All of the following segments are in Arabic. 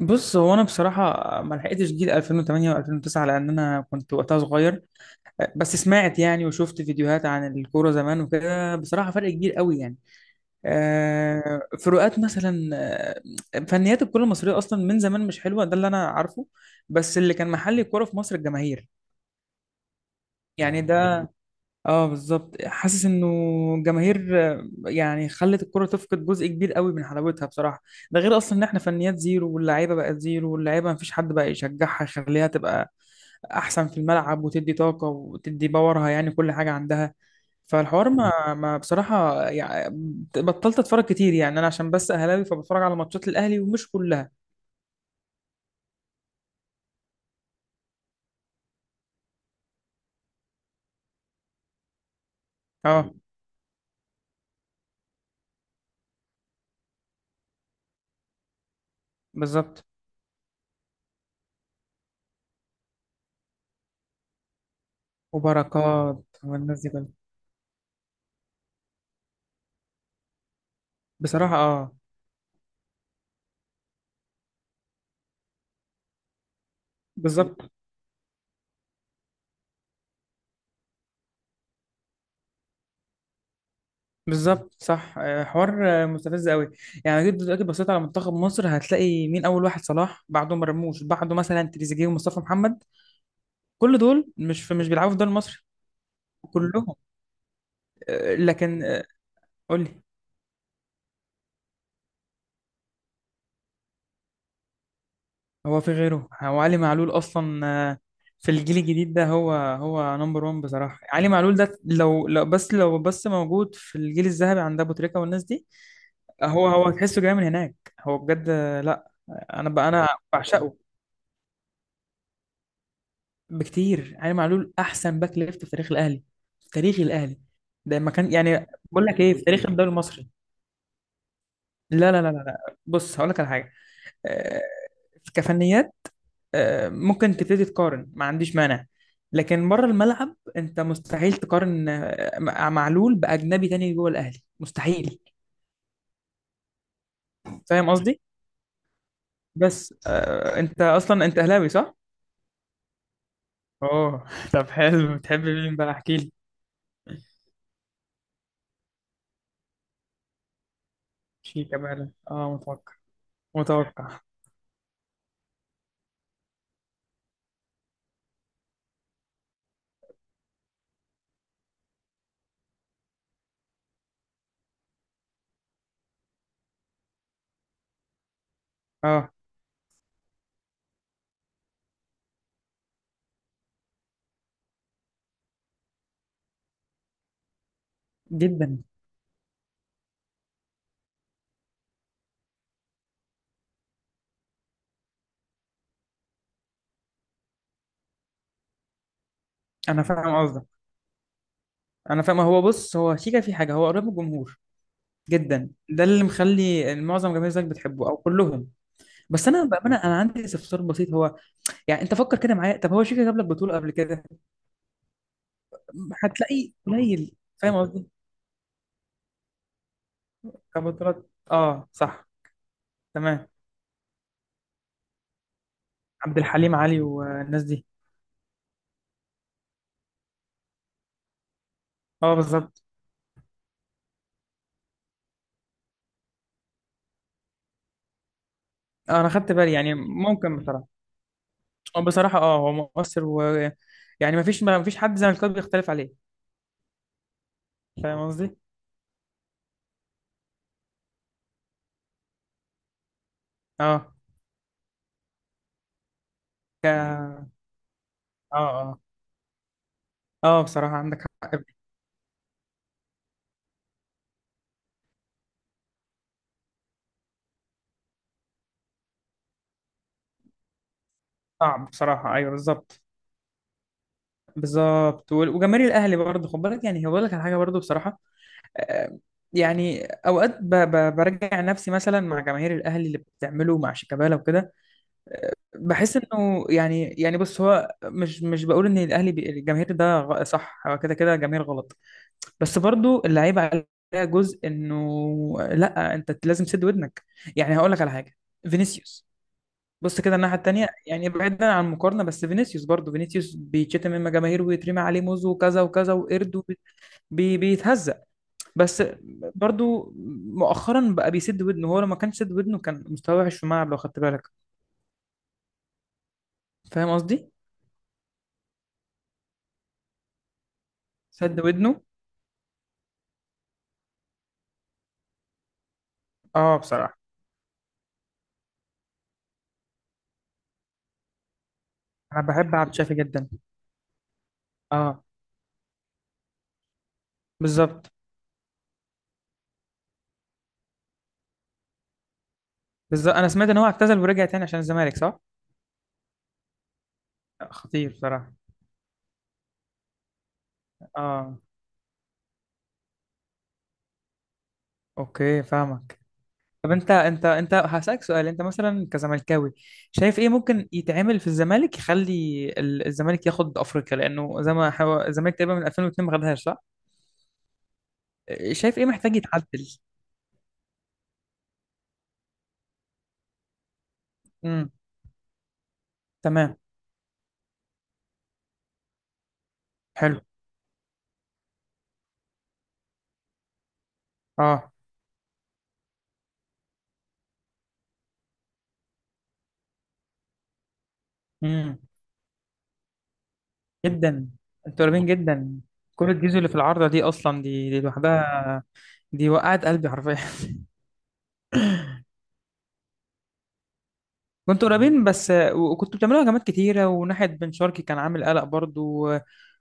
بص، هو انا بصراحه ما لحقتش جيل 2008 و2009 لان انا كنت وقتها صغير. بس سمعت يعني وشفت فيديوهات عن الكوره زمان وكده، بصراحه فرق كبير قوي يعني. فروقات مثلا. فنيات الكره المصريه اصلا من زمان مش حلوه، ده اللي انا عارفه. بس اللي كان محل الكوره في مصر الجماهير. يعني ده، اه، بالظبط حاسس انه الجماهير يعني خلت الكرة تفقد جزء كبير قوي من حلاوتها بصراحة. ده غير اصلا ان احنا فنيات زيرو، واللعيبة بقت زيرو، واللعيبة مفيش حد بقى يشجعها يخليها تبقى احسن في الملعب وتدي طاقة وتدي باورها، يعني كل حاجة عندها. فالحوار ما بصراحة، يعني بطلت اتفرج كتير. يعني انا عشان بس اهلاوي، فبتفرج على ماتشات الاهلي ومش كلها. اه بالظبط، وبركات والناس دي كلها. بصراحة اه. بالظبط. بالظبط صح. حوار مستفز قوي. يعني جيت دلوقتي بصيت على منتخب مصر، هتلاقي مين اول واحد؟ صلاح، بعده مرموش، بعده مثلا تريزيجيه ومصطفى محمد. كل دول مش في، مش بيلعبوا في الدوري المصري. كلهم. لكن قول لي. هو في غيره؟ هو علي معلول اصلا. في الجيل الجديد ده، هو نمبر 1 بصراحه. علي معلول ده، لو بس موجود في الجيل الذهبي عند ابو تريكه والناس دي. هو تحسه جاي من هناك. هو بجد، لا. انا بقى، انا بعشقه بكتير. علي معلول احسن باك ليفت في تاريخ الاهلي، في تاريخ الاهلي. ده ما كان، يعني بقول لك ايه، في تاريخ الدوري المصري. لا، لا، لا، لا، لا. بص هقول لك على حاجه آه، كفنيات، ممكن تبتدي تقارن، ما عنديش مانع. لكن بره الملعب انت مستحيل تقارن، مع معلول باجنبي تاني جوه الاهلي، مستحيل. فاهم قصدي؟ بس، انت اصلا انت اهلاوي صح؟ اوه طب حلو، بتحب مين بقى؟ احكي لي. شيكا بقى، اه متوقع، متوقع. اه جدا. انا فاهم قصدك، انا فاهم. هو بص، هو شيكا في حاجه، هو قريب من الجمهور جدا. ده اللي مخلي معظم جماهير الزمالك بتحبه او كلهم. بس انا بامانه، انا عندي استفسار بسيط. هو يعني انت فكر كده معايا، طب هو شيكا جاب لك بطوله قبل كده؟ هتلاقي قليل. فاهم قصدي؟ كبطولات اه، صح. تمام. عبد الحليم علي والناس دي. اه بالظبط. انا خدت بالي، يعني ممكن بصراحه. بصراحه اه، هو مؤثر. و يعني ما فيش حد زملكاوي بيختلف عليه. فاهم قصدي. اه، اه آه. اه بصراحة عندك حق. صعب بصراحة، ايوه بالظبط. بالظبط. وال- وجماهير الاهلي برضه خد بالك، يعني هقول لك على حاجة برضه بصراحة آه، يعني اوقات، برجع نفسي مثلا مع جماهير الاهلي اللي بتعمله مع شيكابالا وكده. بحس انه يعني بص، هو مش بقول ان الاهلي الجماهير ده صح، هو كده كده جماهير غلط. بس برضه اللعيبة عليها جزء، انه لا، انت لازم تسد ودنك. يعني هقول لك على حاجة. فينيسيوس، بص كده الناحية التانية، يعني بعيدا عن المقارنة، بس فينيسيوس برضه، فينيسيوس بيتشتم من جماهير ويترمي عليه موز وكذا وكذا وقرد، وبي- بي بيتهزق. بس برضه مؤخرا بقى بيسد ودنه. هو لما كان سد ودنه كان مستواه وحش في الملعب لو خدت بالك. فاهم قصدي؟ سد ودنه. اه بصراحة. انا بحب عبد الشافي جدا. اه بالظبط، بالظبط. انا سمعت ان هو اعتزل ورجع تاني عشان الزمالك، صح؟ خطير بصراحة. اه. اوكي فاهمك. طب انت هسألك سؤال، انت مثلا كزملكاوي شايف ايه ممكن يتعمل في الزمالك يخلي الزمالك ياخد افريقيا، لانه زي ما الزمالك تقريبا من 2002 ما خدهاش صح؟ شايف ايه محتاج يتعدل؟ امم، تمام. حلو، اه. امم، جدا. انتوا قريبين جدا. كرة جيزو اللي في العارضة دي، اصلا دي لوحدها. دي وقعت قلبي حرفيا. كنتوا قريبين بس، وكنتوا بتعملوا هجمات كتيرة، وناحية بن شرقي كان عامل قلق برضو، و...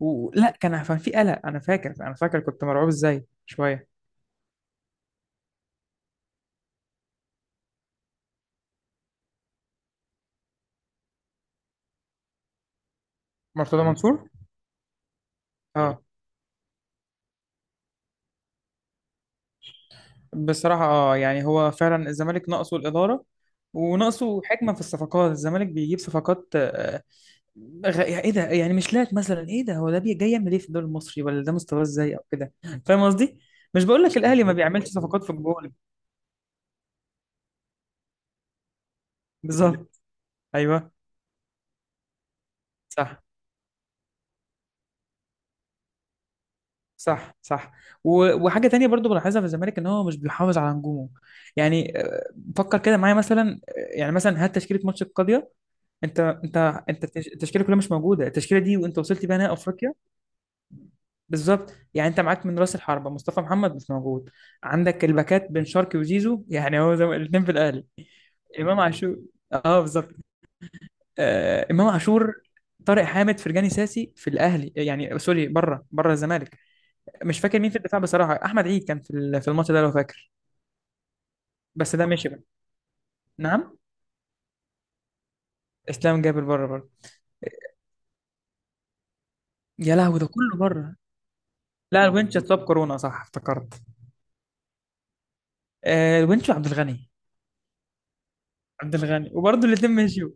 و... لا، كان في قلق. أنا فاكر كنت مرعوب إزاي شوية. مرتضى منصور. اه بصراحة اه، يعني هو فعلا الزمالك ناقصه الإدارة، وناقصه حكمة في الصفقات. الزمالك بيجيب صفقات، يعني إيه ده؟ يعني مش لاعب مثلا. إيه ده؟ هو ده جاي يعمل إيه في الدوري المصري؟ ولا ده مستواه إزاي، أو كده. فاهم قصدي؟ مش بقول لك الأهلي ما بيعملش صفقات في الجول. بالظبط، أيوه، صح، صح، صح. و- وحاجه تانية برضو بلاحظها في الزمالك، ان هو مش بيحافظ على نجومه. يعني، فكر كده معايا مثلا. يعني مثلا هات تشكيله ماتش القضيه. انت انت انت التشكيله كلها مش موجوده. التشكيله دي وانت وصلت بيها نهائي افريقيا. بالظبط. يعني انت معاك من راس الحربه مصطفى محمد، مش موجود. عندك الباكات بن شرقي وزيزو، يعني هو زي الاثنين في الاهلي. امام عاشور. اه بالظبط. امام عاشور. طارق حامد، فرجاني ساسي في الاهلي، يعني، سوري، بره الزمالك. مش فاكر مين في الدفاع بصراحه. احمد عيد كان في الماتش ده لو فاكر. بس ده مشي بقى. نعم. اسلام جابر بره برضه. يا لهوي، ده كله بره. لا، الونش اتصاب كورونا، صح افتكرت. الونش وعبد الغني. عبد الغني، وبرضه الاثنين مشيوا.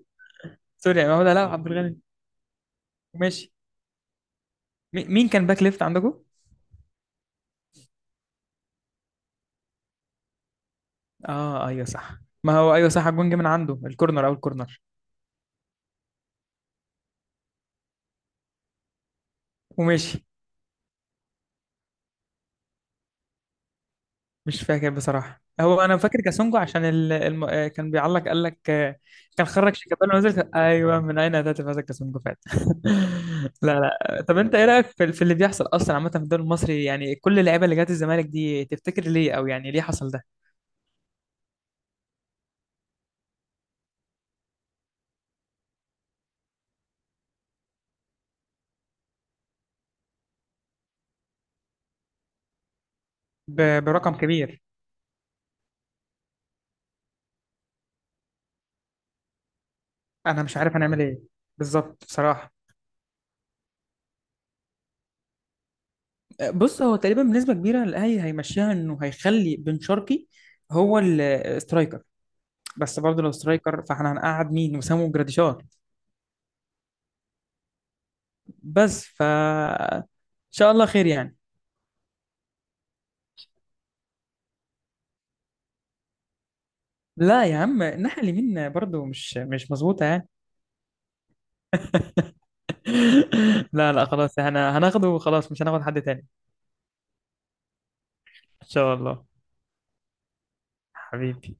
سوري، يعني هو ده. لا، عبد الغني ماشي. مين كان باك ليفت عندكم؟ اه ايوه صح. ما هو ايوه صح، الجون جه من عنده، الكورنر او الكورنر. ومشي. مش فاكر بصراحة. هو أنا فاكر كاسونجو عشان ال... الم... آه، كان بيعلق قال لك. كان خرج شيكابالا ونزل، أيوه من أين أتت هذا كاسونجو فعلا. لا، لا. طب أنت إيه رأيك في اللي بيحصل أصلا عامة في الدوري المصري؟ يعني كل اللعيبة اللي جت الزمالك دي، تفتكر ليه، أو يعني ليه حصل ده؟ ب... برقم كبير. أنا مش عارف هنعمل إيه. بالظبط بصراحة. بص، هو تقريبا بنسبة كبيرة الأهلي هيمشيها إنه هيخلي بن شرقي هو السترايكر. بس برضه لو سترايكر، فاحنا هنقعد مين؟ وسام وجراديشار. بس، ف ان شاء الله خير يعني. لا يا عم، الناحيه اليمين برضو مش مظبوطه يعني. لا، لا، خلاص، احنا هناخده وخلاص، مش هناخد حد تاني. ان شاء الله. حبيبي.